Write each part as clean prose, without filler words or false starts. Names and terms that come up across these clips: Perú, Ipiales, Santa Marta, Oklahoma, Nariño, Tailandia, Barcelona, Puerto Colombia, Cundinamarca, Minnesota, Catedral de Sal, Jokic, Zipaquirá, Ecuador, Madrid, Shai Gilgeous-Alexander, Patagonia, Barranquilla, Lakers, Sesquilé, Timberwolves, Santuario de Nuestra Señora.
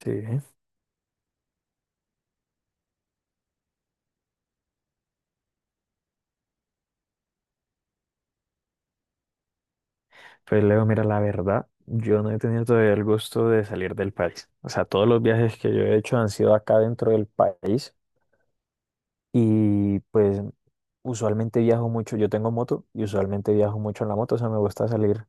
Sí, pues Leo, mira, la verdad, yo no he tenido todavía el gusto de salir del país. O sea, todos los viajes que yo he hecho han sido acá dentro del país y pues usualmente viajo mucho, yo tengo moto y usualmente viajo mucho en la moto, o sea, me gusta salir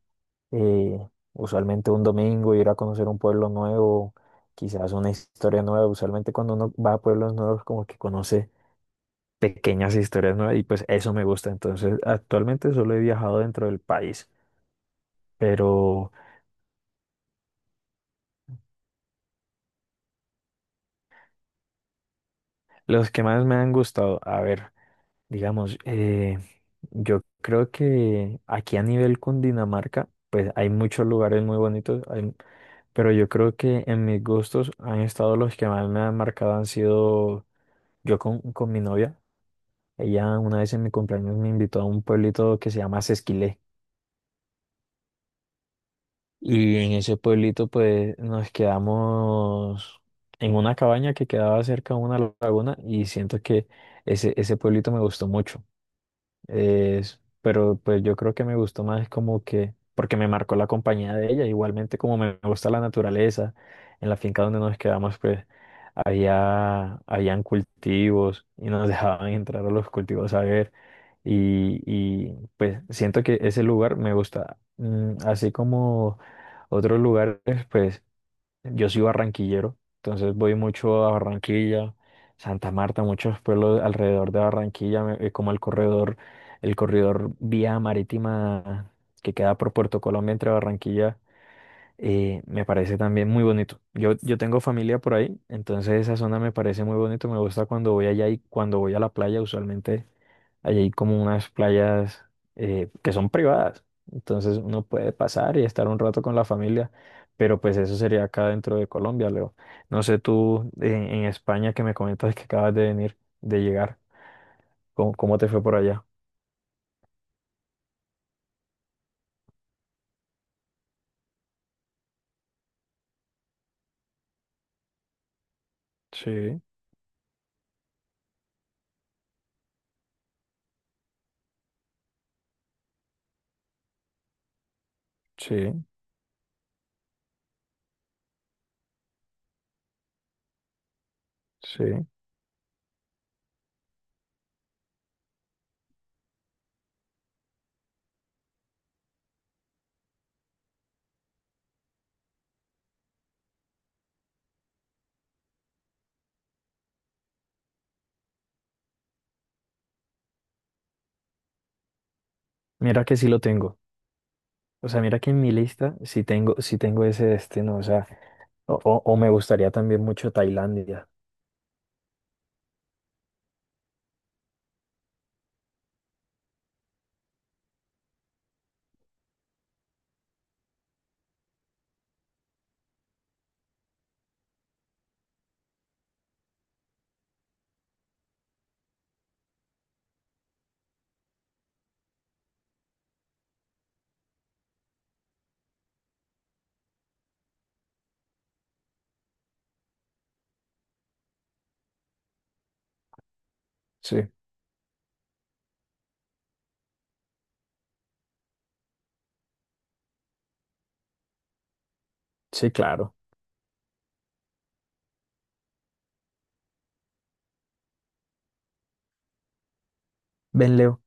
usualmente un domingo, ir a conocer un pueblo nuevo, quizás una historia nueva. Usualmente cuando uno va a pueblos nuevos como que conoce pequeñas historias nuevas y pues eso me gusta. Entonces, actualmente solo he viajado dentro del país, pero... Los que más me han gustado, a ver, digamos, yo creo que aquí a nivel Cundinamarca, pues hay muchos lugares muy bonitos, pero yo creo que en mis gustos han estado los que más me han marcado han sido yo con mi novia. Ella una vez en mi cumpleaños me invitó a un pueblito que se llama Sesquilé y en ese pueblito pues nos quedamos en una cabaña que quedaba cerca de una laguna y siento que ese pueblito me gustó mucho. Pero pues yo creo que me gustó más como que, porque me marcó la compañía de ella, igualmente como me gusta la naturaleza, en la finca donde nos quedamos pues habían cultivos y nos dejaban entrar a los cultivos a ver y pues siento que ese lugar me gusta. Mm, así como otros lugares pues yo soy barranquillero, entonces voy mucho a Barranquilla, Santa Marta, muchos pueblos alrededor de Barranquilla, como el corredor vía marítima que queda por Puerto Colombia entre Barranquilla, me parece también muy bonito. Yo tengo familia por ahí, entonces esa zona me parece muy bonito, me gusta cuando voy allá y cuando voy a la playa usualmente. Allí hay como unas playas que son privadas, entonces uno puede pasar y estar un rato con la familia, pero pues eso sería acá dentro de Colombia, Leo. No sé tú en España que me comentas que acabas de venir, de llegar, ¿cómo, cómo te fue por allá? Sí, sí, sí. Mira que sí lo tengo. O sea, mira que en mi lista sí tengo ese destino. O sea, o me gustaría también mucho Tailandia. Sí, sí, claro. Ven, Leo,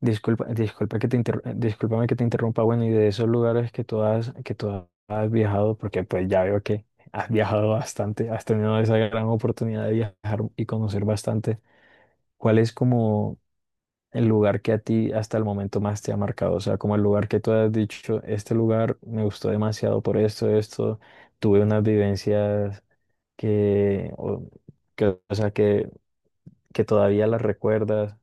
disculpa, discúlpame que te interrumpa, bueno, y de esos lugares que tú has viajado, porque pues ya veo que has viajado bastante, has tenido esa gran oportunidad de viajar y conocer bastante. ¿Cuál es como el lugar que a ti hasta el momento más te ha marcado? O sea, como el lugar que tú has dicho, este lugar me gustó demasiado por esto, esto, tuve unas vivencias que, o, que, o sea, que todavía las recuerdas,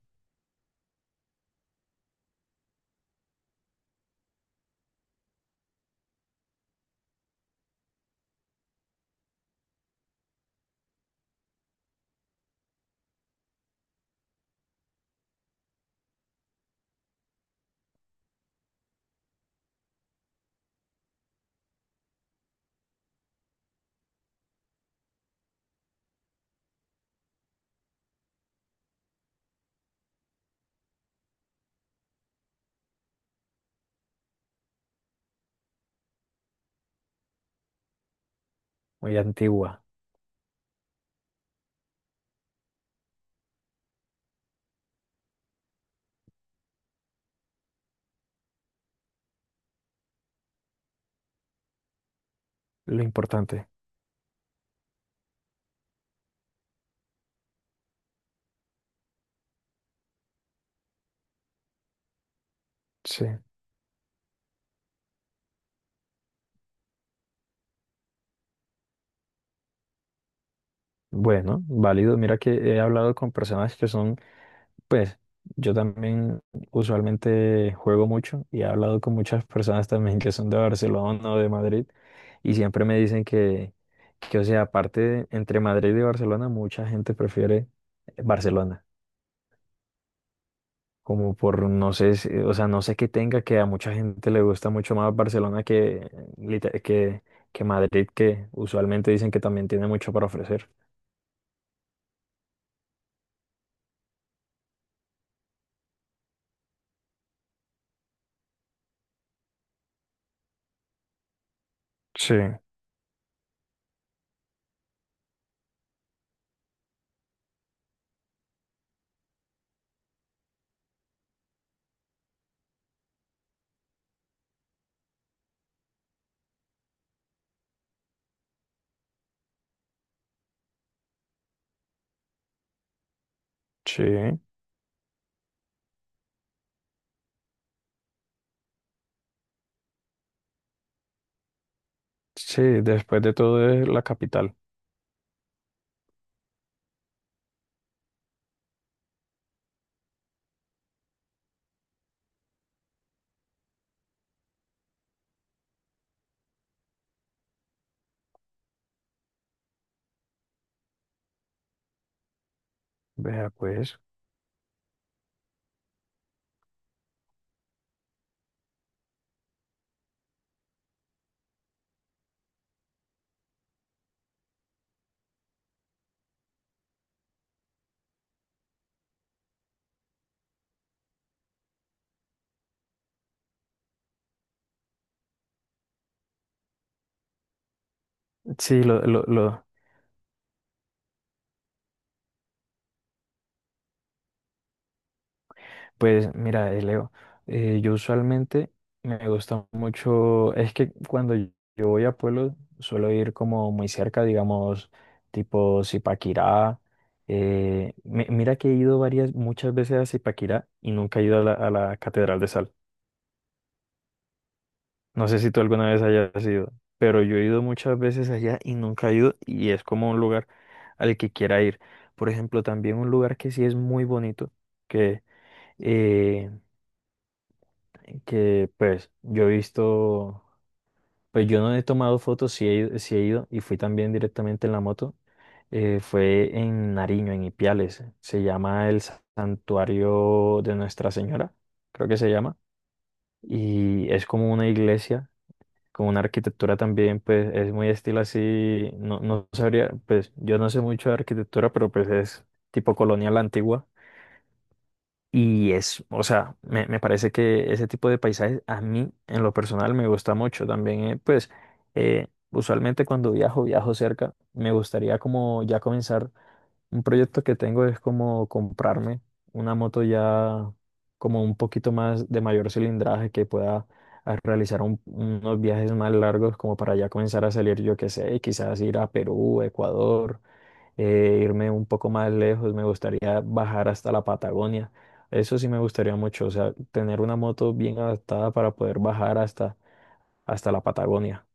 muy antigua, lo importante. Sí. Bueno, válido. Mira que he hablado con personas que son, pues, yo también usualmente juego mucho y he hablado con muchas personas también que son de Barcelona o de Madrid y siempre me dicen que, o sea, entre Madrid y Barcelona, mucha gente prefiere Barcelona, como por, no sé, o sea, no sé qué tenga que a mucha gente le gusta mucho más Barcelona que que Madrid, que usualmente dicen que también tiene mucho para ofrecer. Sí, sí. Sí, después de todo es la capital. Vea, pues. Sí, lo, lo, lo- pues mira, Leo, yo usualmente me gusta mucho, es que cuando yo yo voy a pueblos suelo ir como muy cerca, digamos, tipo Zipaquirá. Mira que he ido varias, muchas veces a Zipaquirá y nunca he ido a a la Catedral de Sal. No sé si tú alguna vez hayas ido, pero yo he ido muchas veces allá y nunca he ido y es como un lugar al que quiera ir. Por ejemplo, también un lugar que sí es muy bonito, que, eh, que pues yo he visto, pues yo no he tomado fotos, sí he ido y fui también directamente en la moto, fue en Nariño, en Ipiales, se llama el Santuario de Nuestra Señora, creo que se llama, y es como una iglesia con una arquitectura también, pues es muy estilo así, no, no sabría, pues yo no sé mucho de arquitectura, pero pues es tipo colonial antigua. Y es, o sea, me parece que ese tipo de paisajes a mí en lo personal me gusta mucho también, usualmente cuando viajo, viajo cerca, me gustaría como ya comenzar. Un proyecto que tengo es como comprarme una moto ya como un poquito más de mayor cilindraje que pueda realizar unos viajes más largos como para ya comenzar a salir, yo qué sé, quizás ir a Perú, Ecuador, irme un poco más lejos, me gustaría bajar hasta la Patagonia. Eso sí me gustaría mucho, o sea, tener una moto bien adaptada para poder bajar hasta, hasta la Patagonia.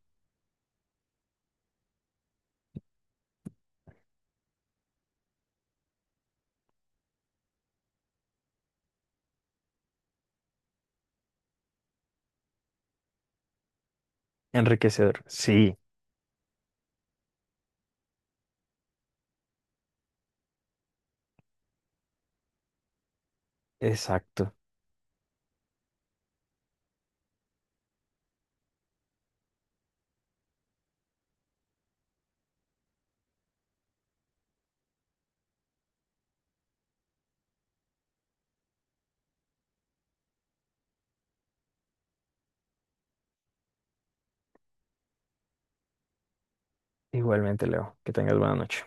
Enriquecedor. Sí, exacto. Igualmente, Leo, que tengas buena noche.